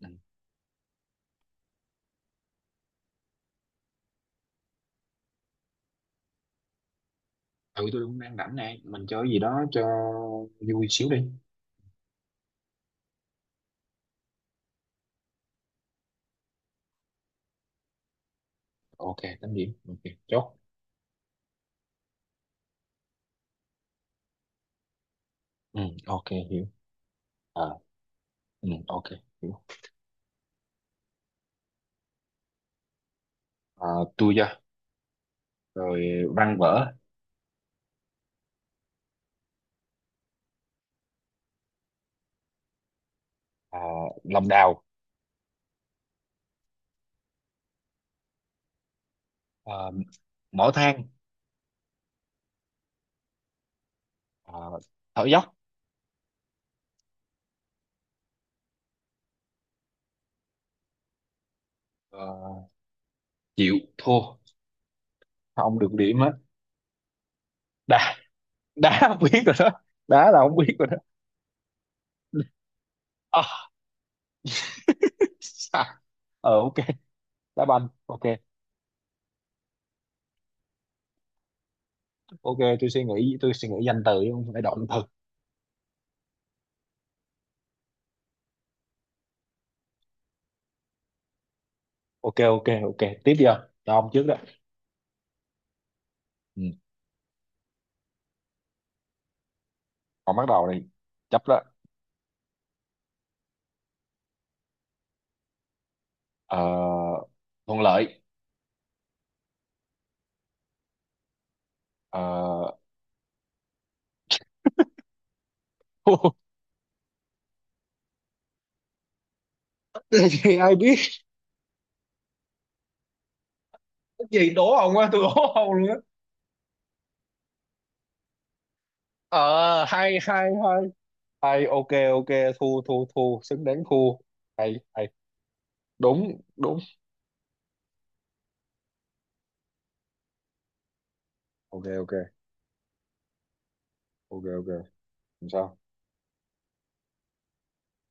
Ừ. Ừ, tôi cũng đang rảnh này. Mình chơi gì đó cho vui xíu đi. Ok, tám điểm. Ok, chốt. Ừ, ok, hiểu. à, ừ, ok, hiểu. à, Tôi ra. Rồi, văn vở. à, Lòng đào. à, Mỏ than. à, Thở dốc. à, Chịu thua. Sao ông được điểm á? Đá. Đá, không biết rồi đó. Đá là không biết rồi đó. Ờ, sao? Ờ, ok, đá banh, ok. Ok, tôi suy nghĩ, tôi suy nghĩ danh từ chứ không phải động từ. Ok, ok, ok, tiếp đi, không cho ông trước đó. Ừ. Con bắt đầu đi. Chấp đó. Ờ, thuận lợi. Ờ, cái gì ai biết? Cái gì đố ông á, tôi đố ông luôn á. Ờ, hay hay hay, hay, ok, ok, thu thu thu, xứng đáng thu, hay hay. Đúng, đúng. Ok, ok, ok, ok. Làm sao?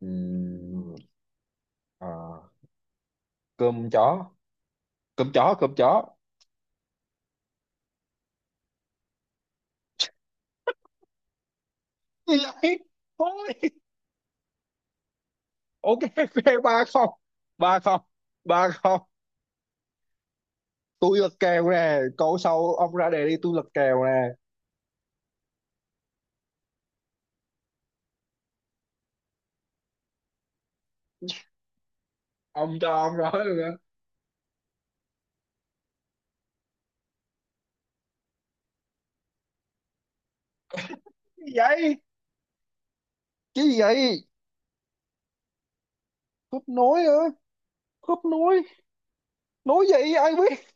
Ừm, ờ, cơm chó. Cơm chó, cơm chó. Thì lại thôi. Ok, ok, ba không, ba không, ba không. Tôi lật kèo nè, câu sau ông ra đề đi, tôi lật kèo nè. Ông cho ông nói luôn á. Cái gì vậy? Cái gì vậy? Khớp nối hả? Khớp nối, nối gì ai biết?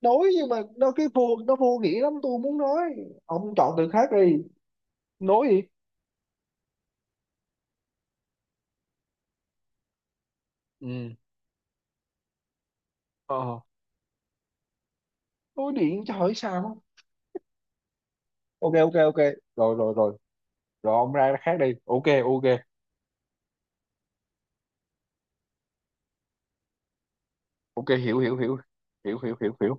Nối nhưng mà nó vô nghĩa lắm, tôi muốn nói ông chọn từ khác đi. Nối gì? Ừ, ờ, nối điện cho hỏi sao. Ok, ok, ok, rồi, rồi, rồi, rồi. Ông ra khác đi, ok, ok, ok. Hiểu hiểu hiểu, hiểu hiểu hiểu hiểu.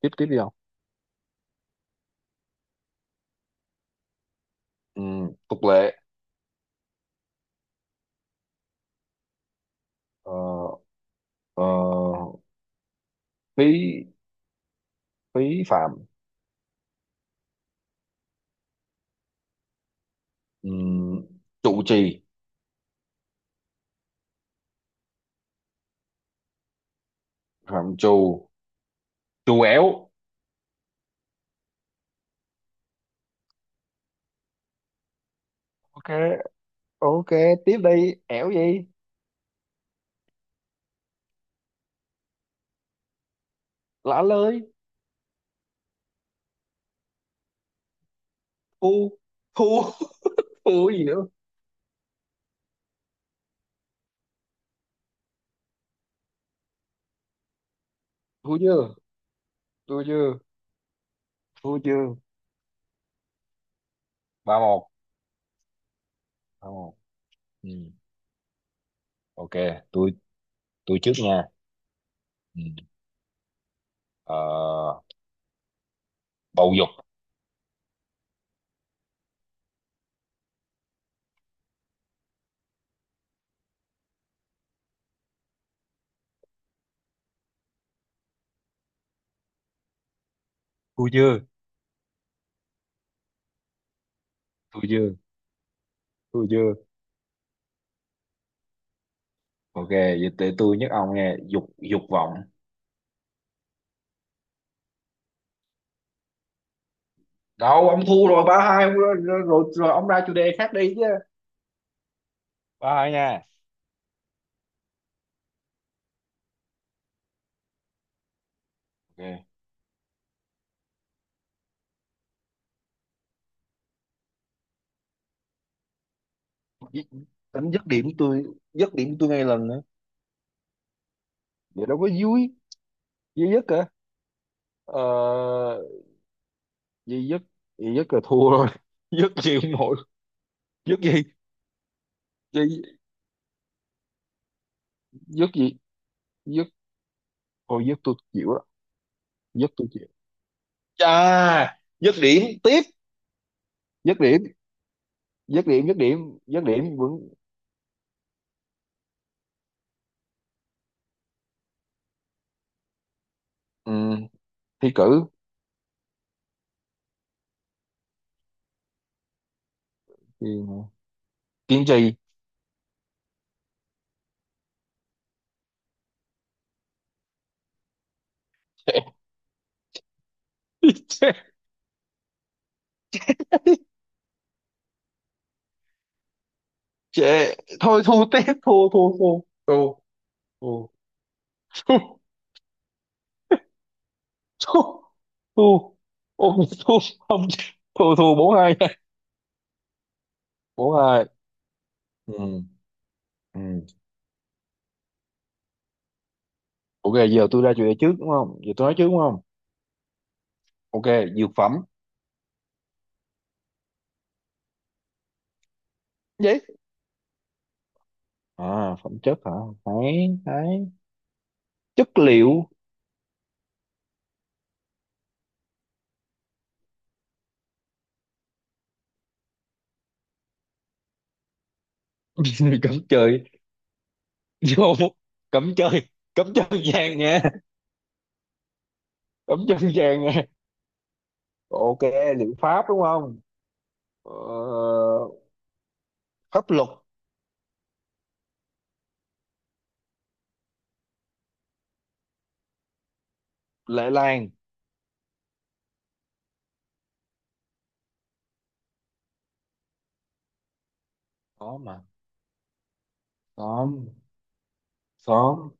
Tiếp tiếp đi ông. Ừ, tục lệ. Ờ, ờ, phí phí phạm. Ừ, trụ trì. Phạm trù. Trù éo. Ok, ok, tiếp đi, ẻo gì. Lả lơi. Phu, phu, phu, cái gì nữa? Thua chưa? Thua chưa? Thua chưa? Ba một, ba một. Ừ. Ok, tôi tôi trước nha. Ừ. Ờ, bầu dục. Thua chưa? Thua chưa? Thua chưa? Ok, vậy tới tôi nhắc ông nghe, dục, dục vọng. Đâu, ông thua rồi, ba hai rồi, rồi, rồi, rồi, ông ra chủ đề khác đi chứ. Ba hai nha. Ok. Anh dứt điểm tôi, dứt điểm tôi ngay lần nữa. Vậy đâu có vui, vui nhất. Ờ, Duy dứt. Duy dứt là thua rồi, dứt gì cũng nổi. Dứt gì? Duy, dứt gì? Dứt, thôi dứt tôi chịu đó. Dứt tôi chịu. Chà, dứt điểm tiếp. Dứt điểm, dứt điểm, dứt điểm, dứt điểm vẫn. Ừ, thi cử. Thì, kiên trì. Chê, chê. Thôi thua tiếp, thua, thua, thua. Thua, thua, thua, thua. Thua, ôi, thua, không, thua, thua, bốn hai. Bốn hai. Ừ. Ừ. Ok, giờ tôi ra chủ đề trước đúng không, giờ tôi nói trước đúng không? Ok, dược phẩm. Vậy? À, phẩm chất hả? Thấy, thấy. Chất liệu. Cấm chơi, vô, cấm chơi, cấm chân vàng nha, cấm chân vàng nha. Ok, liệu pháp đúng không? Ờ, pháp luật. Lệ làng. Xóm mà, xóm, xóm,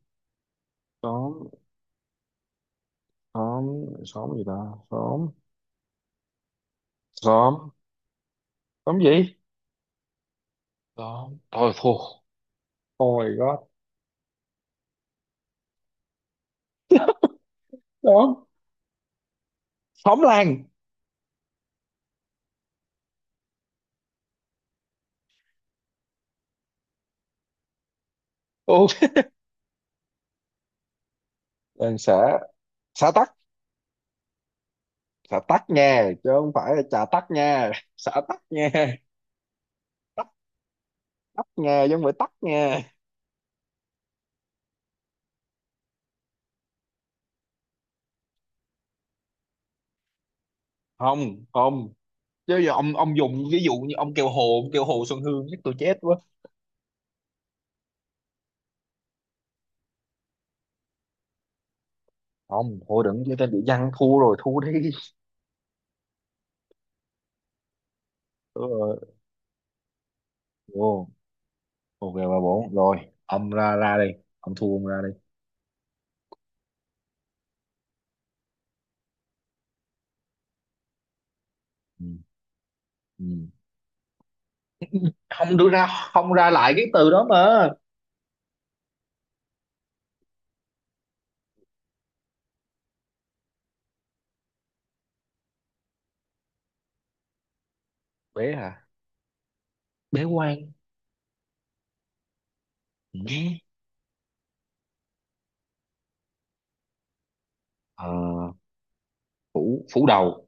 xóm, xóm, xóm gì ta, xóm, xóm, xóm gì, xóm thôi thua. Oh my god. Xóm, xóm làng. Ok, làng xã. Xã tắc. Xã tắc nha chứ không phải là trà tắc nha, xã tắc nha. Tắc, tắc nha, giống không phải tắc nha. Không, không, chứ giờ ông dùng ví dụ như ông kêu hồ, ông kêu hồ Xuân Hương chắc tôi chết quá. Không thôi, đừng chơi tên địa danh, thua rồi, thua đi. Ừ, vô. Ok, ba bốn rồi, ông ra ra đi, ông thua ông ra đi. Ừ. Ừ. Không đưa ra, không ra lại cái từ đó mà. Bế hả? Bế quan. Ừ. Ờ, phủ, phủ đầu.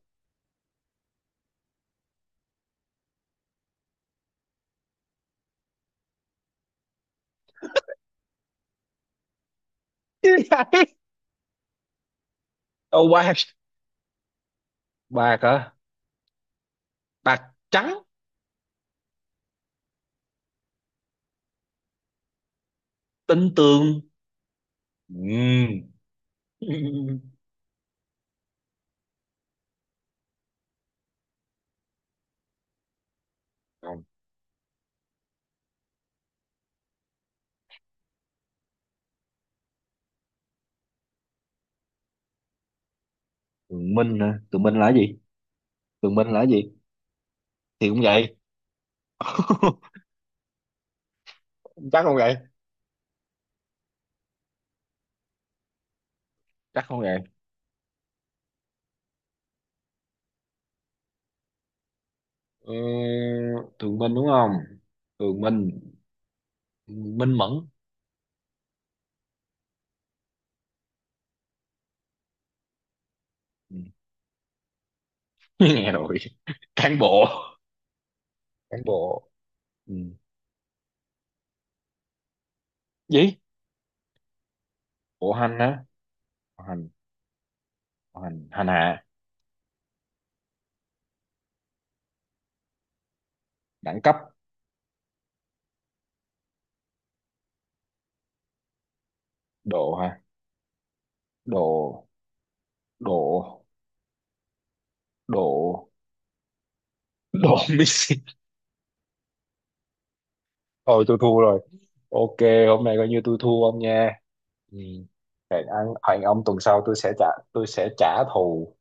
Ô quan. Ba hả? Bạc, trắng. Tinh tường. Ừm, không. Tường Minh hả? Tường Minh là cái gì? Tường Minh là cái gì? Thì cũng vậy. Chắc không vậy? Chắc không vậy? Ừ, Tường Minh đúng không? Tường Minh, Minh Mẫn. Ừ. Nghe rồi. Cán bộ. Cán bộ. Ừ. Gì? Bộ hành á? Bộ hành, bộ hành, hành hạ. Đẳng cấp. Độ hả? Độ, độ, độ, độ, Messi. Thôi tôi thua rồi, ok. Hôm nay coi như tôi thua ông nha. Ừ. Hẹn ông tuần sau tôi sẽ trả, tôi sẽ trả thù.